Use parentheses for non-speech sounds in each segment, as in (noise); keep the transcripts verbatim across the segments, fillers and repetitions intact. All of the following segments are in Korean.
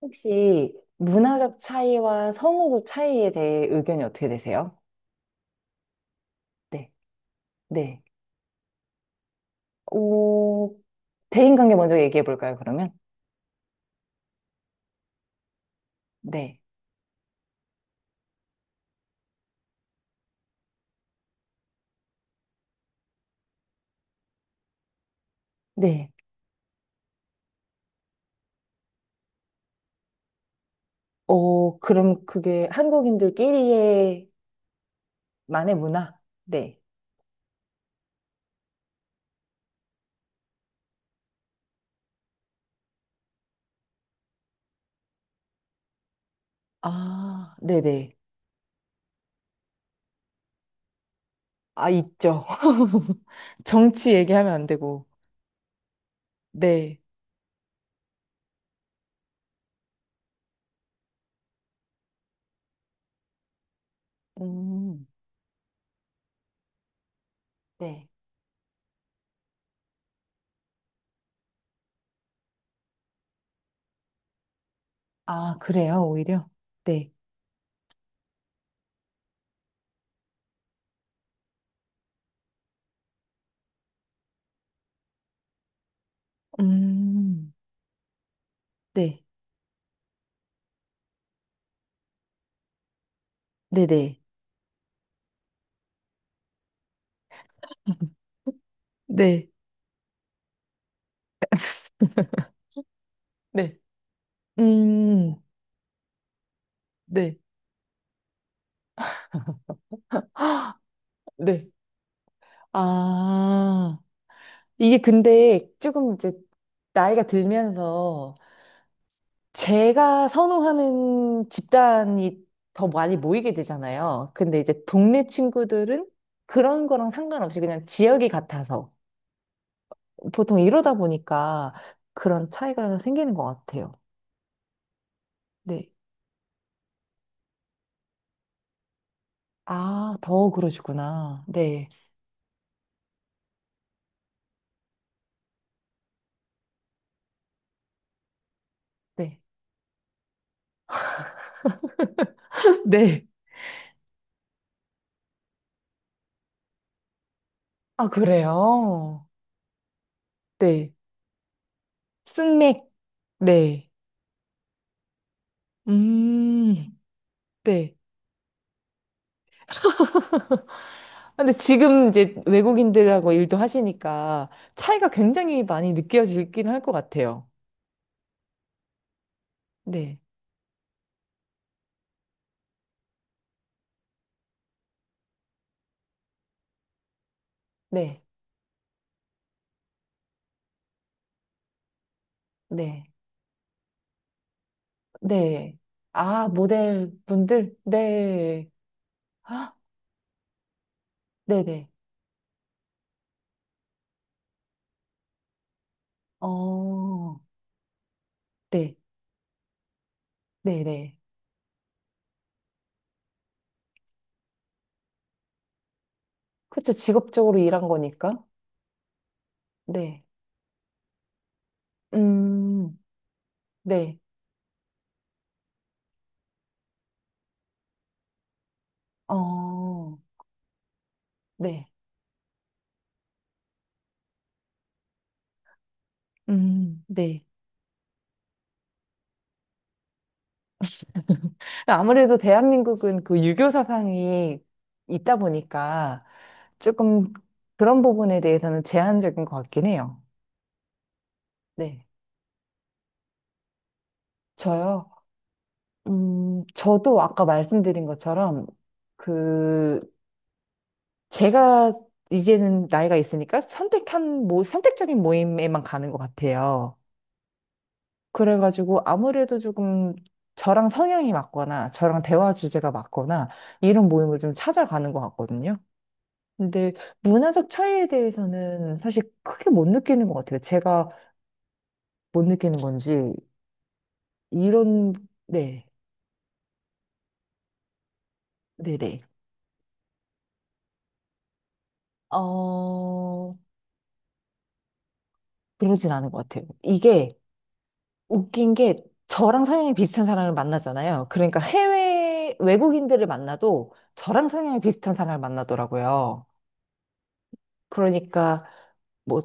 혹시 문화적 차이와 선호도 차이에 대해 의견이 어떻게 되세요? 네. 네. 오, 대인관계 먼저 얘기해 볼까요, 그러면? 네. 네. 어, 그럼 그게 한국인들끼리의 만의 문화? 네. 아, 네네. 아, 있죠. (laughs) 정치 얘기하면 안 되고. 네. 음, 네. 아, 그래요, 오히려? 네. 음, 네. 네네. (laughs) 네. 네. 음, 네. (gasps) 아, 네. 아, 이게 근데 조금 이제 나이가 들면서 제가 선호하는 집단이 더 많이 모이게 되잖아요. 근데 이제 동네 친구들은 그런 거랑 상관없이 그냥 지역이 같아서 보통 이러다 보니까 그런 차이가 생기는 것 같아요. 네. 아, 더 그러시구나. 네. 네. (laughs) 네. 아, 그래요? 네. 스낵. 네. 음, 네. 근데 지금 이제 외국인들하고 일도 하시니까 차이가 굉장히 많이 느껴지긴 할 것 같아요. 네. 네, 네, 네. 아, 모델 분들? 네. (gasps) 아, 네네. 어, 네, 네네. 그쵸, 직업적으로 일한 거니까. 네. 음, 네. 어, 네, 음. 네. 아무래도 대한민국은 그 유교 사상이 있다 보니까 조금 그런 부분에 대해서는 제한적인 것 같긴 해요. 네, 저요. 음, 저도 아까 말씀드린 것처럼 그 제가 이제는 나이가 있으니까 선택한 모 선택적인 모임에만 가는 것 같아요. 그래가지고 아무래도 조금 저랑 성향이 맞거나 저랑 대화 주제가 맞거나 이런 모임을 좀 찾아가는 것 같거든요. 근데 문화적 차이에 대해서는 사실 크게 못 느끼는 것 같아요. 제가 못 느끼는 건지, 이런, 네, 네네. 어, 그러진 않은 것 같아요. 이게 웃긴 게 저랑 성향이 비슷한 사람을 만나잖아요. 그러니까 해외 외국인들을 만나도 저랑 성향이 비슷한 사람을 만나더라고요. 그러니까 뭐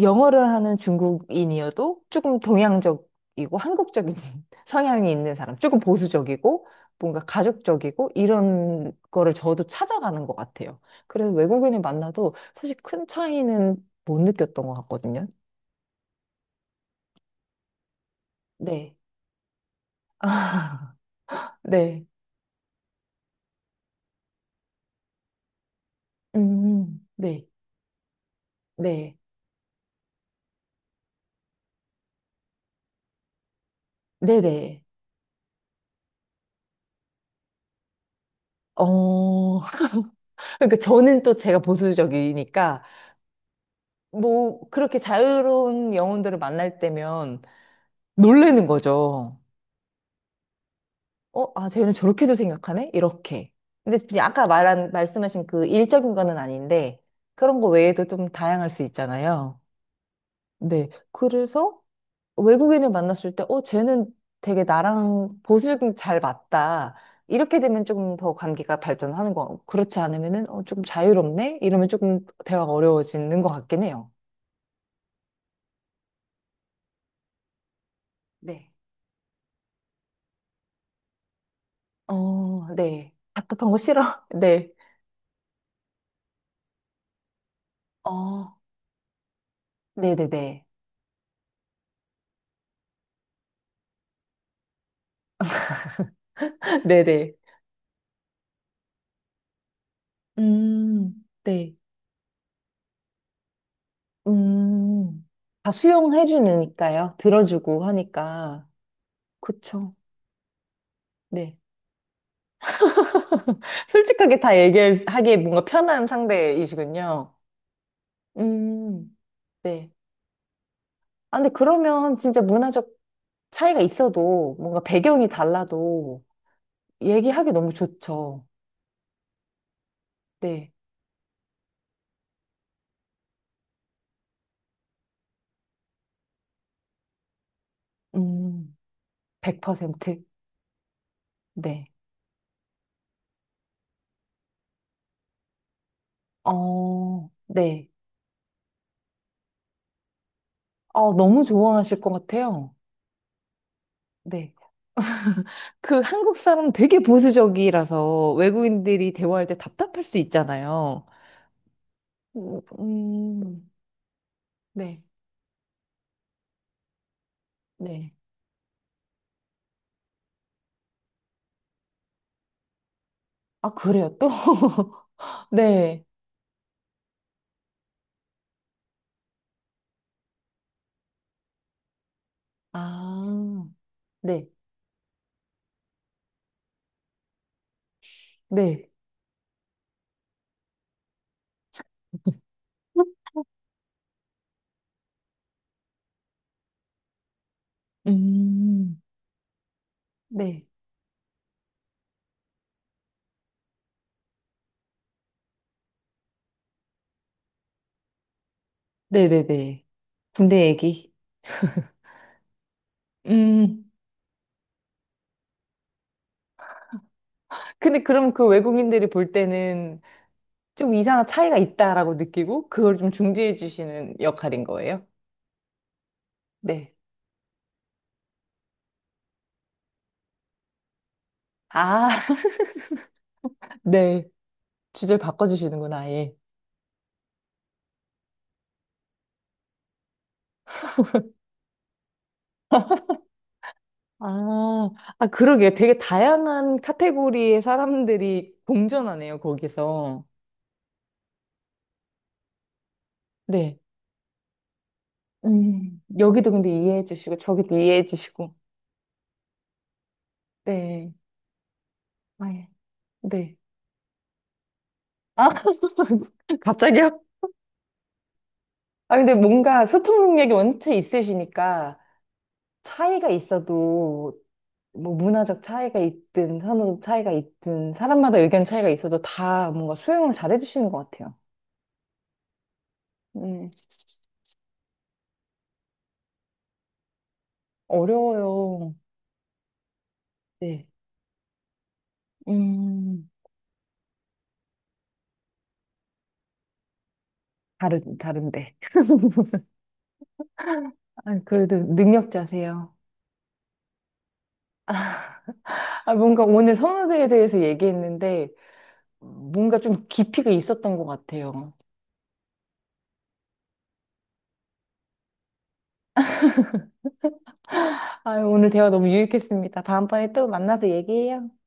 영어를 하는 중국인이어도 조금 동양적이고 한국적인 (laughs) 성향이 있는 사람, 조금 보수적이고 뭔가 가족적이고 이런 거를 저도 찾아가는 것 같아요. 그래서 외국인을 만나도 사실 큰 차이는 못 느꼈던 것 같거든요. 네. 아, (laughs) 네. 음, 네. 네. 네네. 어. (laughs) 그러니까 저는 또 제가 보수적이니까 뭐, 그렇게 자유로운 영혼들을 만날 때면 놀래는 거죠. 어, 아, 쟤는 저렇게도 생각하네? 이렇게. 근데 이제 아까 말한, 말씀하신 그 일적인 거는 아닌데, 그런 거 외에도 좀 다양할 수 있잖아요. 네. 그래서 외국인을 만났을 때, 어, 쟤는 되게 나랑 보수적인 잘 맞다. 이렇게 되면 조금 더 관계가 발전하는 거, 같고, 그렇지 않으면은, 어, 조금 자유롭네? 이러면 조금 대화가 어려워지는 것 같긴 해요. 네. 어, 네. 답답한 거 싫어. (laughs) 네. 어, 네네네. (laughs) 네네. 음, 네. 음, 다 수용해 주니까요. 들어주고 하니까. 그쵸. 네. (laughs) 솔직하게 다 얘기하기에 뭔가 편한 상대이시군요. 음, 네. 아, 근데 그러면 진짜 문화적 차이가 있어도 뭔가 배경이 달라도 얘기하기 너무 좋죠. 네. 음, 백 퍼센트. 네. 어, 네. 어, 너무 좋아하실 것 같아요. 네. 그 한국 사람 되게 보수적이라서 외국인들이 대화할 때 답답할 수 있잖아요. 음, 음, 네, 네. 아, 그래요, 또? (laughs) 네. 아, 네, 네. 음, 네. 네네네. 군대 얘기. 음. 근데 그럼 그 외국인들이 볼 때는 좀 이상한 차이가 있다라고 느끼고 그걸 좀 중재해 주시는 역할인 거예요? 네. 아, (laughs) 네. 주제를 바꿔주시는구나, 아예. 아, 아, 그러게. 되게 다양한 카테고리의 사람들이 공존하네요, 거기서. 네. 음, 여기도 근데 이해해 주시고, 저기도 이해해 주시고. 네. 아, 예. 네. 아, (laughs) 갑자기요? 아, 근데 뭔가 소통 능력이 원체 있으시니까 차이가 있어도 뭐 문화적 차이가 있든 선호 차이가 있든 사람마다 의견 차이가 있어도 다 뭔가 수용을 잘해 주시는 것 같아요. 음, 어려워요. 네. 음, 다른, 다른데. (laughs) 아, 그래도 능력자세요. 아, 뭔가 오늘 선호도에 대해서 얘기했는데, 뭔가 좀 깊이가 있었던 것 같아요. 아, 오늘 대화 너무 유익했습니다. 다음번에 또 만나서 얘기해요.